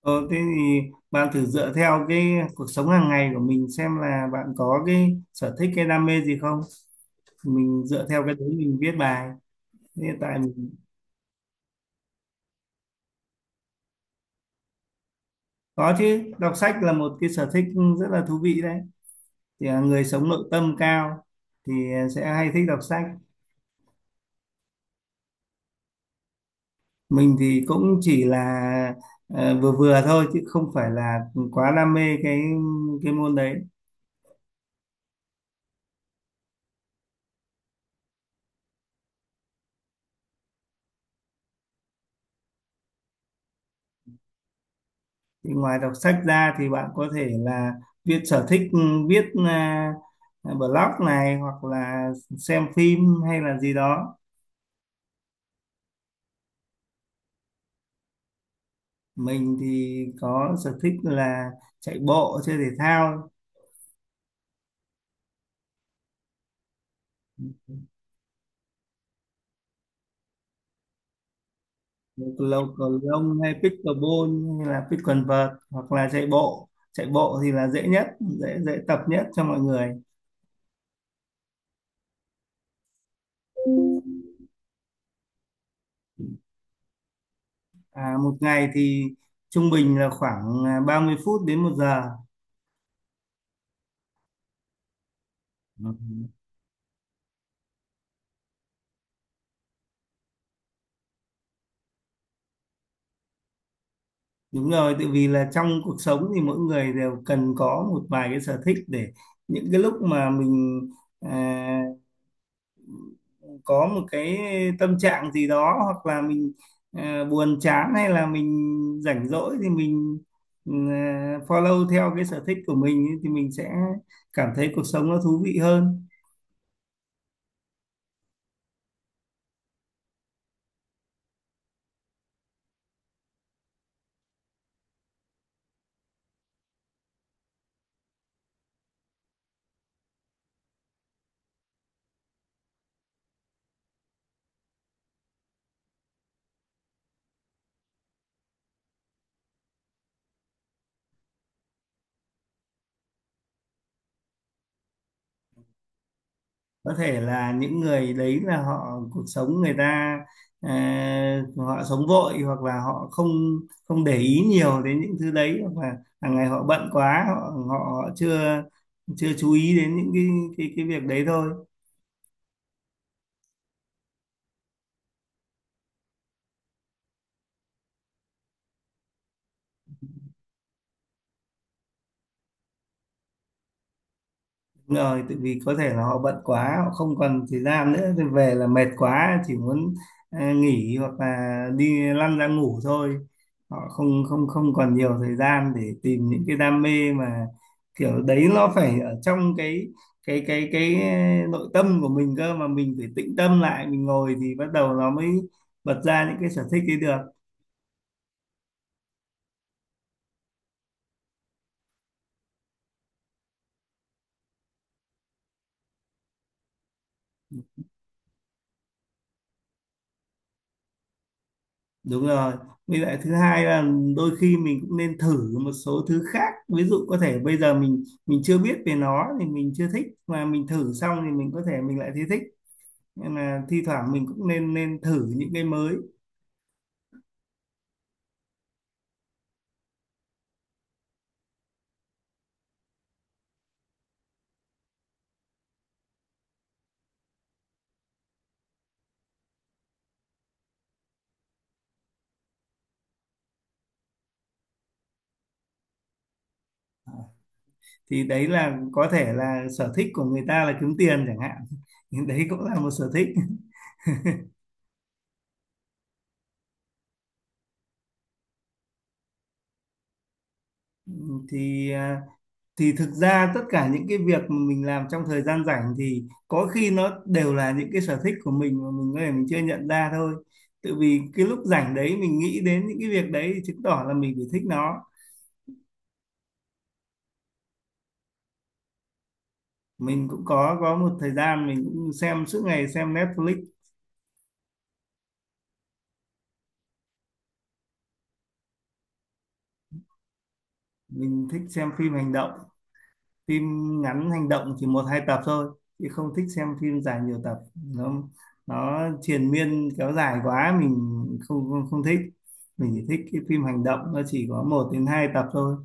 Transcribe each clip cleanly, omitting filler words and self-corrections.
Ờ, thế thì bạn thử dựa theo cái cuộc sống hàng ngày của mình xem là bạn có cái sở thích cái đam mê gì không. Mình dựa theo cái đấy mình viết bài. Thế Hiện tại mình Có chứ, đọc sách là một cái sở thích rất là thú vị đấy. Thì là người sống nội tâm cao thì sẽ hay thích đọc sách. Mình thì cũng chỉ là vừa vừa thôi chứ không phải là quá đam mê cái môn đấy. Thì ngoài đọc sách ra thì bạn có thể là viết sở thích viết à, blog này hoặc là xem phim hay là gì đó. Mình thì có sở thích là chạy bộ, chơi thể thao, cầu cầu lông hay pickleball hay là picklevert, hoặc là chạy bộ thì là dễ nhất, dễ dễ tập nhất cho mọi người. Một ngày thì trung bình là khoảng 30 phút đến 1 giờ. Ừ. Đúng rồi, tại vì là trong cuộc sống thì mỗi người đều cần có một vài cái sở thích, để những cái lúc mà mình à, có một cái tâm trạng gì đó, hoặc là mình buồn chán, hay là mình rảnh rỗi, thì mình follow theo cái sở thích của mình ấy, thì mình sẽ cảm thấy cuộc sống nó thú vị hơn. Có thể là những người đấy là họ cuộc sống người ta ờ, họ sống vội, hoặc là họ không không để ý nhiều đến những thứ đấy, hoặc là hàng ngày họ bận quá, họ họ, họ chưa chưa chú ý đến những cái cái việc đấy thôi. Đúng rồi, tại vì có thể là họ bận quá, họ không còn thời gian nữa, thì về là mệt quá, chỉ muốn nghỉ hoặc là đi lăn ra ngủ thôi. Họ không không không còn nhiều thời gian để tìm những cái đam mê, mà kiểu đấy nó phải ở trong cái nội tâm của mình cơ, mà mình phải tĩnh tâm lại, mình ngồi thì bắt đầu nó mới bật ra những cái sở thích ấy được. Đúng rồi. Với lại thứ hai là đôi khi mình cũng nên thử một số thứ khác. Ví dụ có thể bây giờ mình chưa biết về nó thì mình chưa thích, mà mình thử xong thì mình có thể mình lại thấy thích. Nên là thi thoảng mình cũng nên nên thử những cái mới. Thì đấy là có thể là sở thích của người ta là kiếm tiền chẳng hạn. Đấy cũng là một sở thích. Thì à, thì thực ra tất cả những cái việc mà mình làm trong thời gian rảnh thì có khi nó đều là những cái sở thích của mình mà mình có thể mình chưa nhận ra thôi. Tự vì cái lúc rảnh đấy mình nghĩ đến những cái việc đấy thì chứng tỏ là mình phải thích nó. Mình cũng có một thời gian mình cũng xem suốt ngày, xem Netflix. Mình thích xem phim hành động, phim ngắn hành động chỉ một hai tập thôi, chị không thích xem phim dài nhiều tập. Nó nó triền miên kéo dài quá, mình không không, không thích. Mình chỉ thích cái phim hành động nó chỉ có một đến hai tập thôi.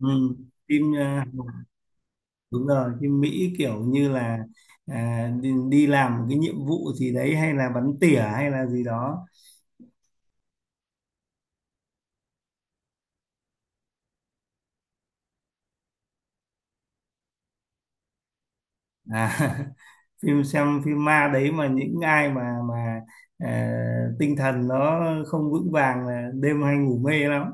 Ừ. Phim đúng rồi, phim Mỹ kiểu như là đi làm một cái nhiệm vụ gì đấy, hay là bắn tỉa hay là gì đó. à, Phim xem phim ma đấy, mà những ai mà ờ, tinh thần nó không vững vàng là đêm hay ngủ mê lắm.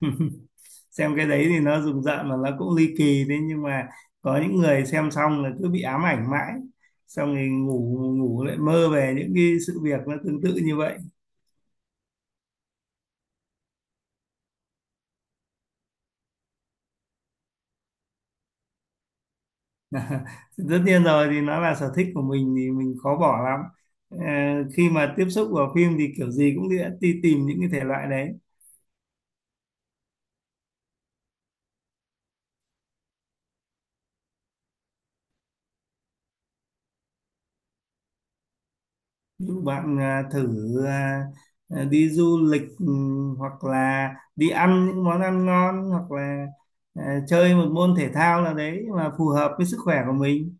Xem cái đấy thì nó rùng rợn mà nó cũng ly kỳ, thế nhưng mà có những người xem xong là cứ bị ám ảnh mãi, xong thì ngủ ngủ lại mơ về những cái sự việc nó tương tự như vậy. Tất nhiên rồi, thì nó là sở thích của mình thì mình khó bỏ lắm. Ờ, khi mà tiếp xúc vào phim thì kiểu gì cũng đi tìm những cái thể loại đấy. Ví dụ bạn thử à, đi du lịch, hoặc là đi ăn những món ăn ngon, hoặc là chơi một môn thể thao nào đấy mà phù hợp với sức khỏe của mình.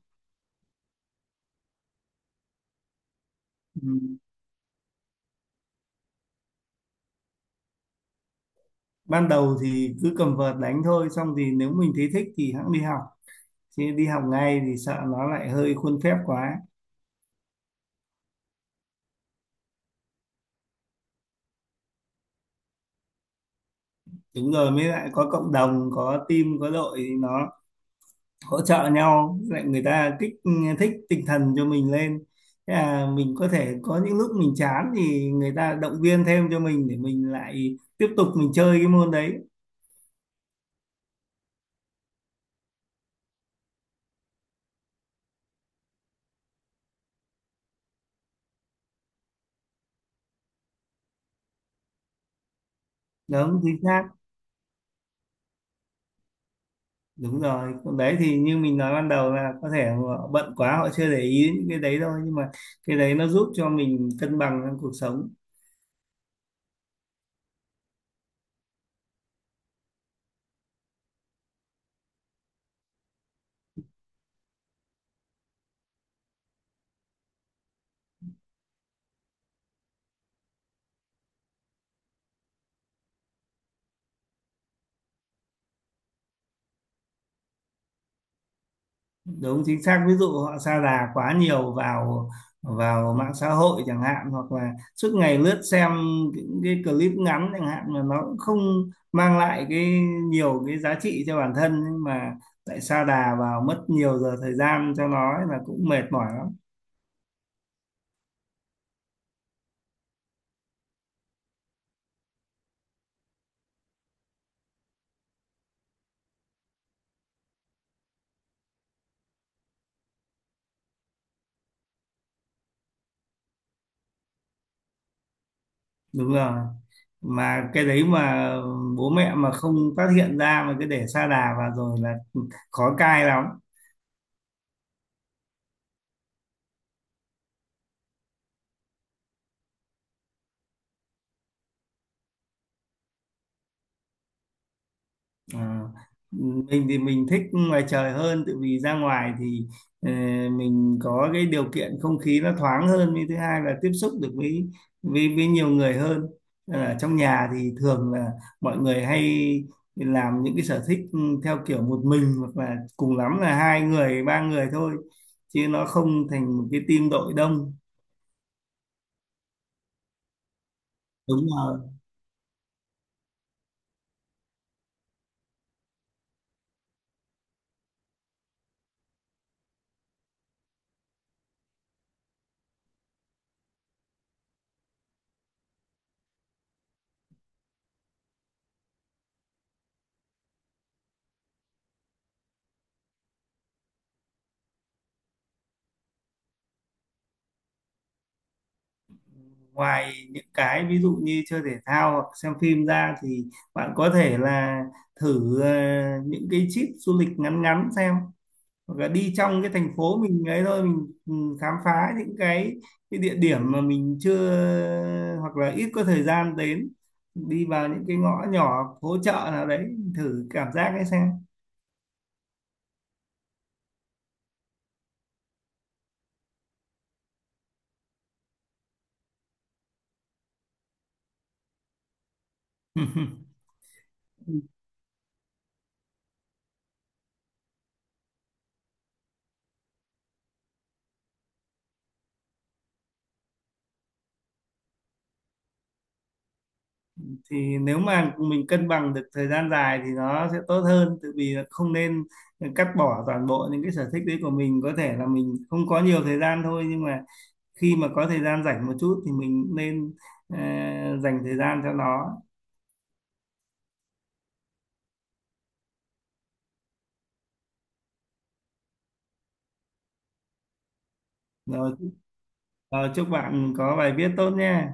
Ừ. Ban đầu thì cứ cầm vợt đánh thôi, xong thì nếu mình thấy thích thì hẵng đi học, chứ đi học ngay thì sợ nó lại hơi khuôn phép quá. Đúng rồi, mới lại có cộng đồng, có team có đội thì nó hỗ trợ nhau, lại người ta kích thích tinh thần cho mình lên. Thế là mình có thể có những lúc mình chán thì người ta động viên thêm cho mình để mình lại tiếp tục mình chơi cái môn đấy. Đúng chính xác. Đúng rồi, còn đấy thì như mình nói ban đầu là có thể họ bận quá, họ chưa để ý đến những cái đấy thôi, nhưng mà cái đấy nó giúp cho mình cân bằng trong cuộc sống. Đúng chính xác, ví dụ họ sa đà quá nhiều vào vào mạng xã hội chẳng hạn, hoặc là suốt ngày lướt xem những cái clip ngắn chẳng hạn, mà nó cũng không mang lại cái nhiều cái giá trị cho bản thân, nhưng mà lại sa đà vào, mất nhiều giờ thời gian cho nó ấy, là cũng mệt mỏi. Đúng rồi, mà cái đấy mà bố mẹ mà không phát hiện ra mà cứ để sa đà vào rồi là khó cai lắm. Ờ, mình thì mình thích ngoài trời hơn, tự vì ra ngoài thì ờ, mình có cái điều kiện không khí nó thoáng hơn, với thứ hai là tiếp xúc được với với nhiều người hơn. Ở trong nhà thì thường là mọi người hay làm những cái sở thích theo kiểu một mình, hoặc là cùng lắm là hai người ba người thôi, chứ nó không thành một cái team đội đông. Đúng rồi. Ngoài những cái ví dụ như chơi thể thao hoặc xem phim ra thì bạn có thể là thử những cái trip du lịch ngắn ngắn xem, hoặc là đi trong cái thành phố mình ấy thôi, mình khám phá những cái địa điểm mà mình chưa hoặc là ít có thời gian đến, đi vào những cái ngõ nhỏ phố chợ nào đấy, thử cảm giác ấy xem. Thì nếu mà mình cân bằng được thời gian dài thì nó sẽ tốt hơn, tự vì là không nên cắt bỏ toàn bộ những cái sở thích đấy của mình. Có thể là mình không có nhiều thời gian thôi, nhưng mà khi mà có thời gian rảnh một chút thì mình nên ờ, dành thời gian cho nó. rồi, Rồi, chúc bạn có bài viết tốt nhé.